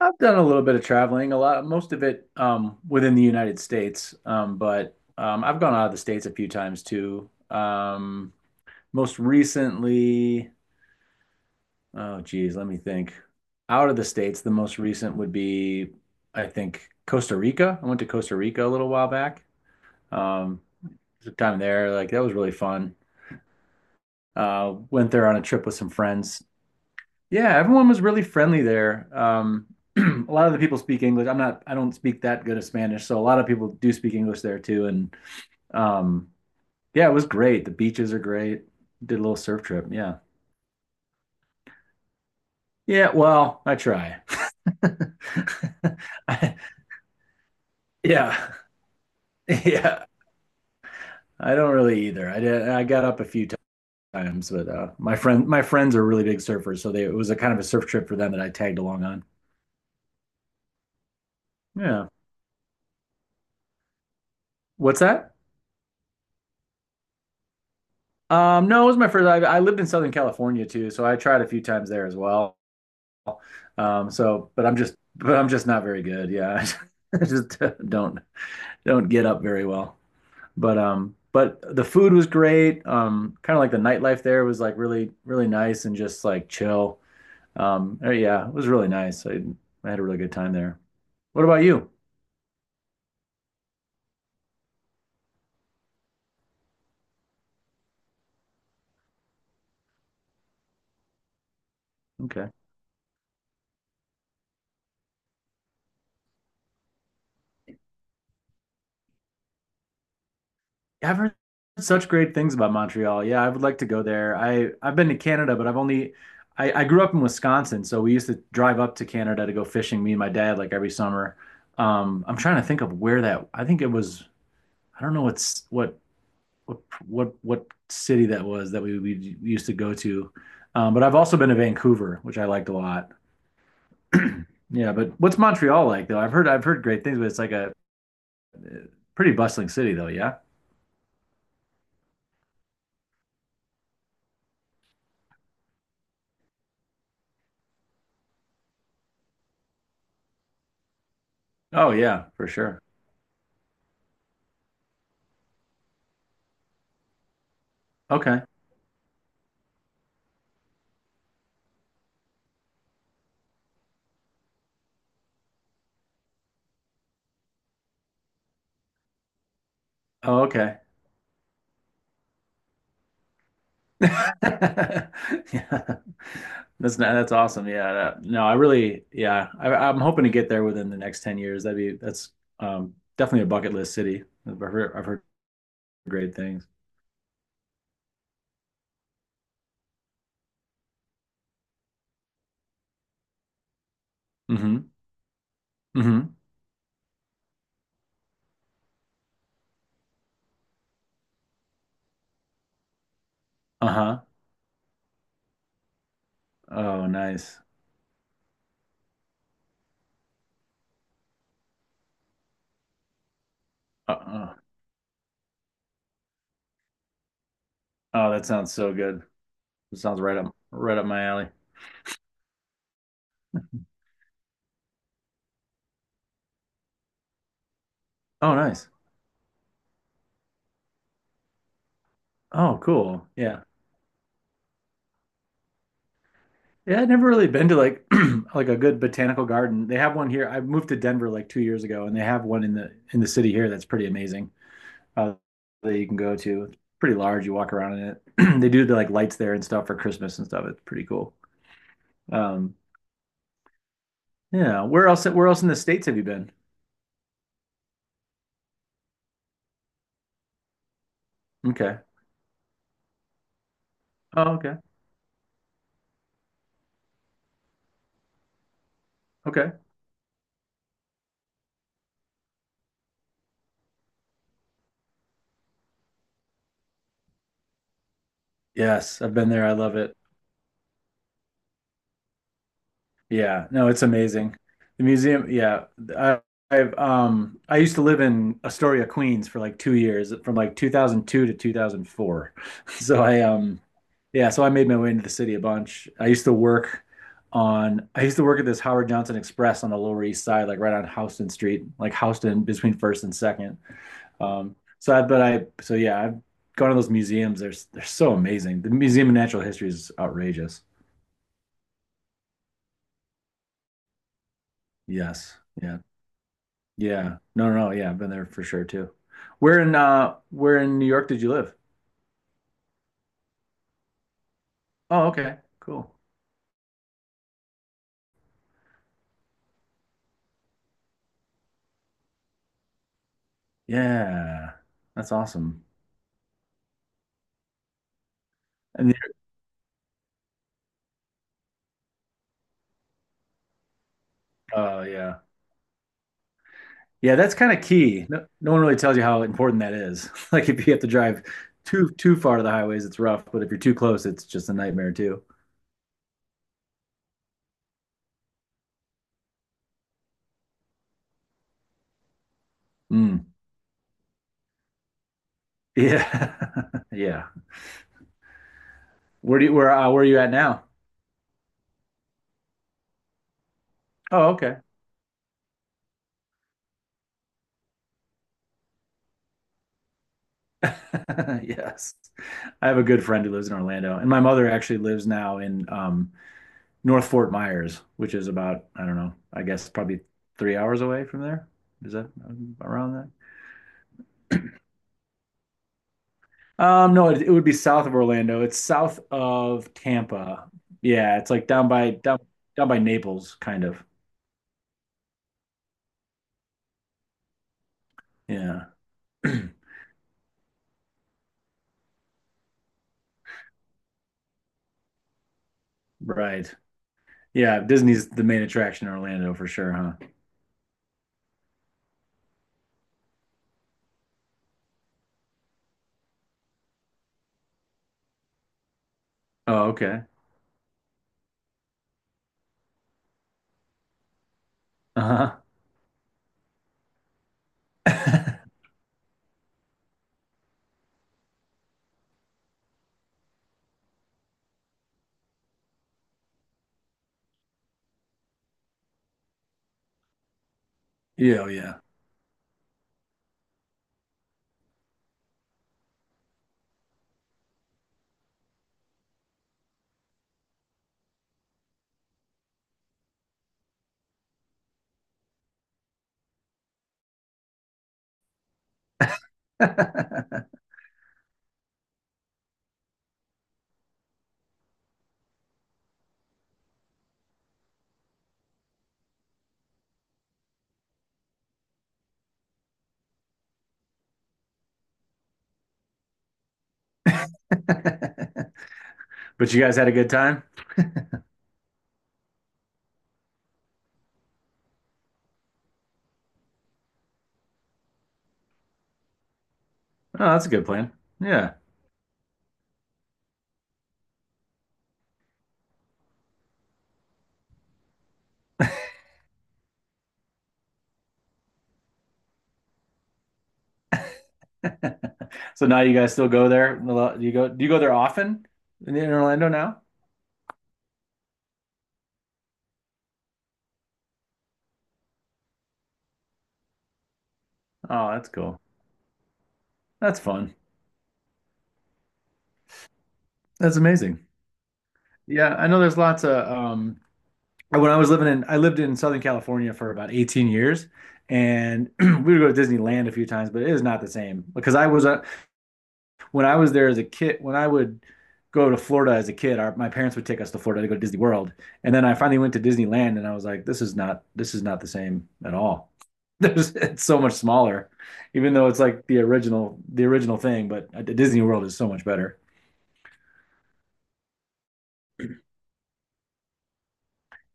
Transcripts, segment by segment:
I've done a little bit of traveling, a lot, most of it within the United States, but I've gone out of the States a few times too. Most recently, oh geez, let me think. Out of the States, the most recent would be, I think, Costa Rica. I went to Costa Rica a little while back. Um, the time there, like that was really fun. Went there on a trip with some friends. Yeah, everyone was really friendly there. A lot of the people speak English. I don't speak that good of Spanish, so a lot of people do speak English there too. And um, yeah, it was great. The beaches are great. Did a little surf trip. Yeah. Yeah, well, I try. I, yeah. Yeah. I don't really either. I got up a few times, but my friends are really big surfers, so they it was a kind of a surf trip for them that I tagged along on. Yeah. What's that? No, it was my first. I lived in Southern California too, so I tried a few times there as well. But I'm just not very good. Yeah, I just don't get up very well. But the food was great. Kind of like the nightlife there was like really nice and just like chill. Yeah, it was really nice. I had a really good time there. What about you? Okay. I've heard such great things about Montreal. Yeah, I would like to go there. I've been to Canada, but I've only I grew up in Wisconsin, so we used to drive up to Canada to go fishing, me and my dad, like every summer. I'm trying to think of where that. I think it was. I don't know what's what what city that was that we used to go to. But I've also been to Vancouver, which I liked a lot. Yeah, but what's Montreal like though? I've heard great things, but it's like a pretty bustling city though. Yeah. Oh yeah, for sure. Okay. Oh, okay. Yeah. That's awesome. Yeah. that- no, Yeah, I'm hoping to get there within the next 10 years. That's definitely a bucket list city. I've heard great things. Hmm. Hmm. Uh-huh. Oh, nice. Uh-uh. Oh, that sounds so good. It sounds right up my alley. Oh, nice. Oh, cool. Yeah. Yeah, I have never really been to like like a good botanical garden. They have one here. I moved to Denver like 2 years ago, and they have one in the city here that's pretty amazing. uh, that you can go to. It's pretty large. You walk around in it. They do the like lights there and stuff for Christmas and stuff. It's pretty cool. Um, yeah. Where else? Where else in the states have you been? Okay. Oh, okay. Okay. Yes, I've been there. I love it. Yeah, no, it's amazing. The museum, yeah. I, I used to live in Astoria, Queens for like 2 years, from like 2002 to 2004. So I Yeah, so I made my way into the city a bunch. I used to work at this Howard Johnson Express on the Lower East Side, like right on Houston Street, like Houston between First and Second. So I but I so Yeah, I've gone to those museums. They're so amazing. The Museum of Natural History is outrageous. Yes. Yeah. Yeah. No, no, no. Yeah, I've been there for sure too. Where in New York did you live? Oh, okay. Cool. Yeah. That's awesome. And yeah. Yeah, that's kind of key. No, no one really tells you how important that is. Like if you have to drive too far to the highways, it's rough, but if you're too close, it's just a nightmare too. Mm. Yeah. Yeah. Where are you at now? Oh, okay. Yes. I have a good friend who lives in Orlando, and my mother actually lives now in North Fort Myers, which is about, I don't know, I guess probably 3 hours away from there. Is that around that? No, it, It would be south of Orlando. It's south of Tampa. Yeah, it's like down by Naples, kind of. Yeah. Right. Yeah, Disney's the main attraction in Orlando for sure, huh? Oh, okay. Uh-huh. Yeah, oh, yeah. But you guys had a good time? Oh, that's a good plan. Yeah. So now you guys still go there? Do you go there often in Orlando now? Oh, that's cool. That's fun. That's amazing. Yeah, I know there's lots of when I was living in I lived in Southern California for about 18 years and we would go to Disneyland a few times, but it is not the same because I was when I was there as a kid, when I would go to Florida as a kid, my parents would take us to Florida to go to Disney World, and then I finally went to Disneyland, and I was like, this is not the same at all. It's so much smaller, even though it's like the original thing, but Disney World is so much better.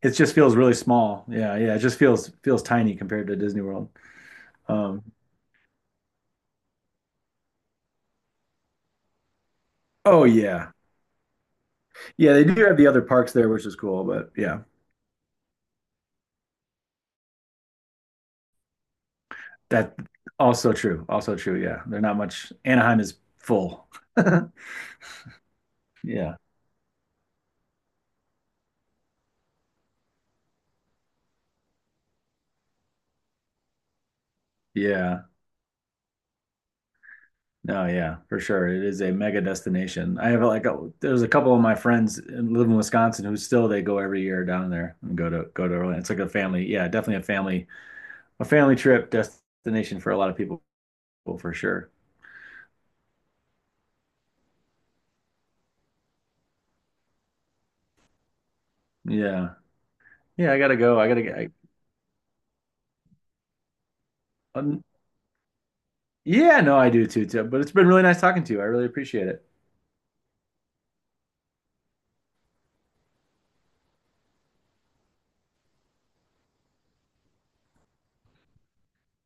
It just feels really small. Yeah, yeah, it just feels tiny compared to Disney World. Um, oh yeah, yeah, they do have the other parks there, which is cool, but yeah, that also true. Yeah, they're not much. Anaheim is full. Yeah. Yeah. No, yeah, for sure. It is a mega destination. I have like there's a couple of my friends live in Wisconsin who still they go every year down there and go to Orlando. It's like a family, yeah, definitely a family trip destination for a lot of people for sure. Yeah. Yeah, I gotta go. I gotta get I, um, yeah, no, too. But it's been really nice talking to you. I really appreciate it.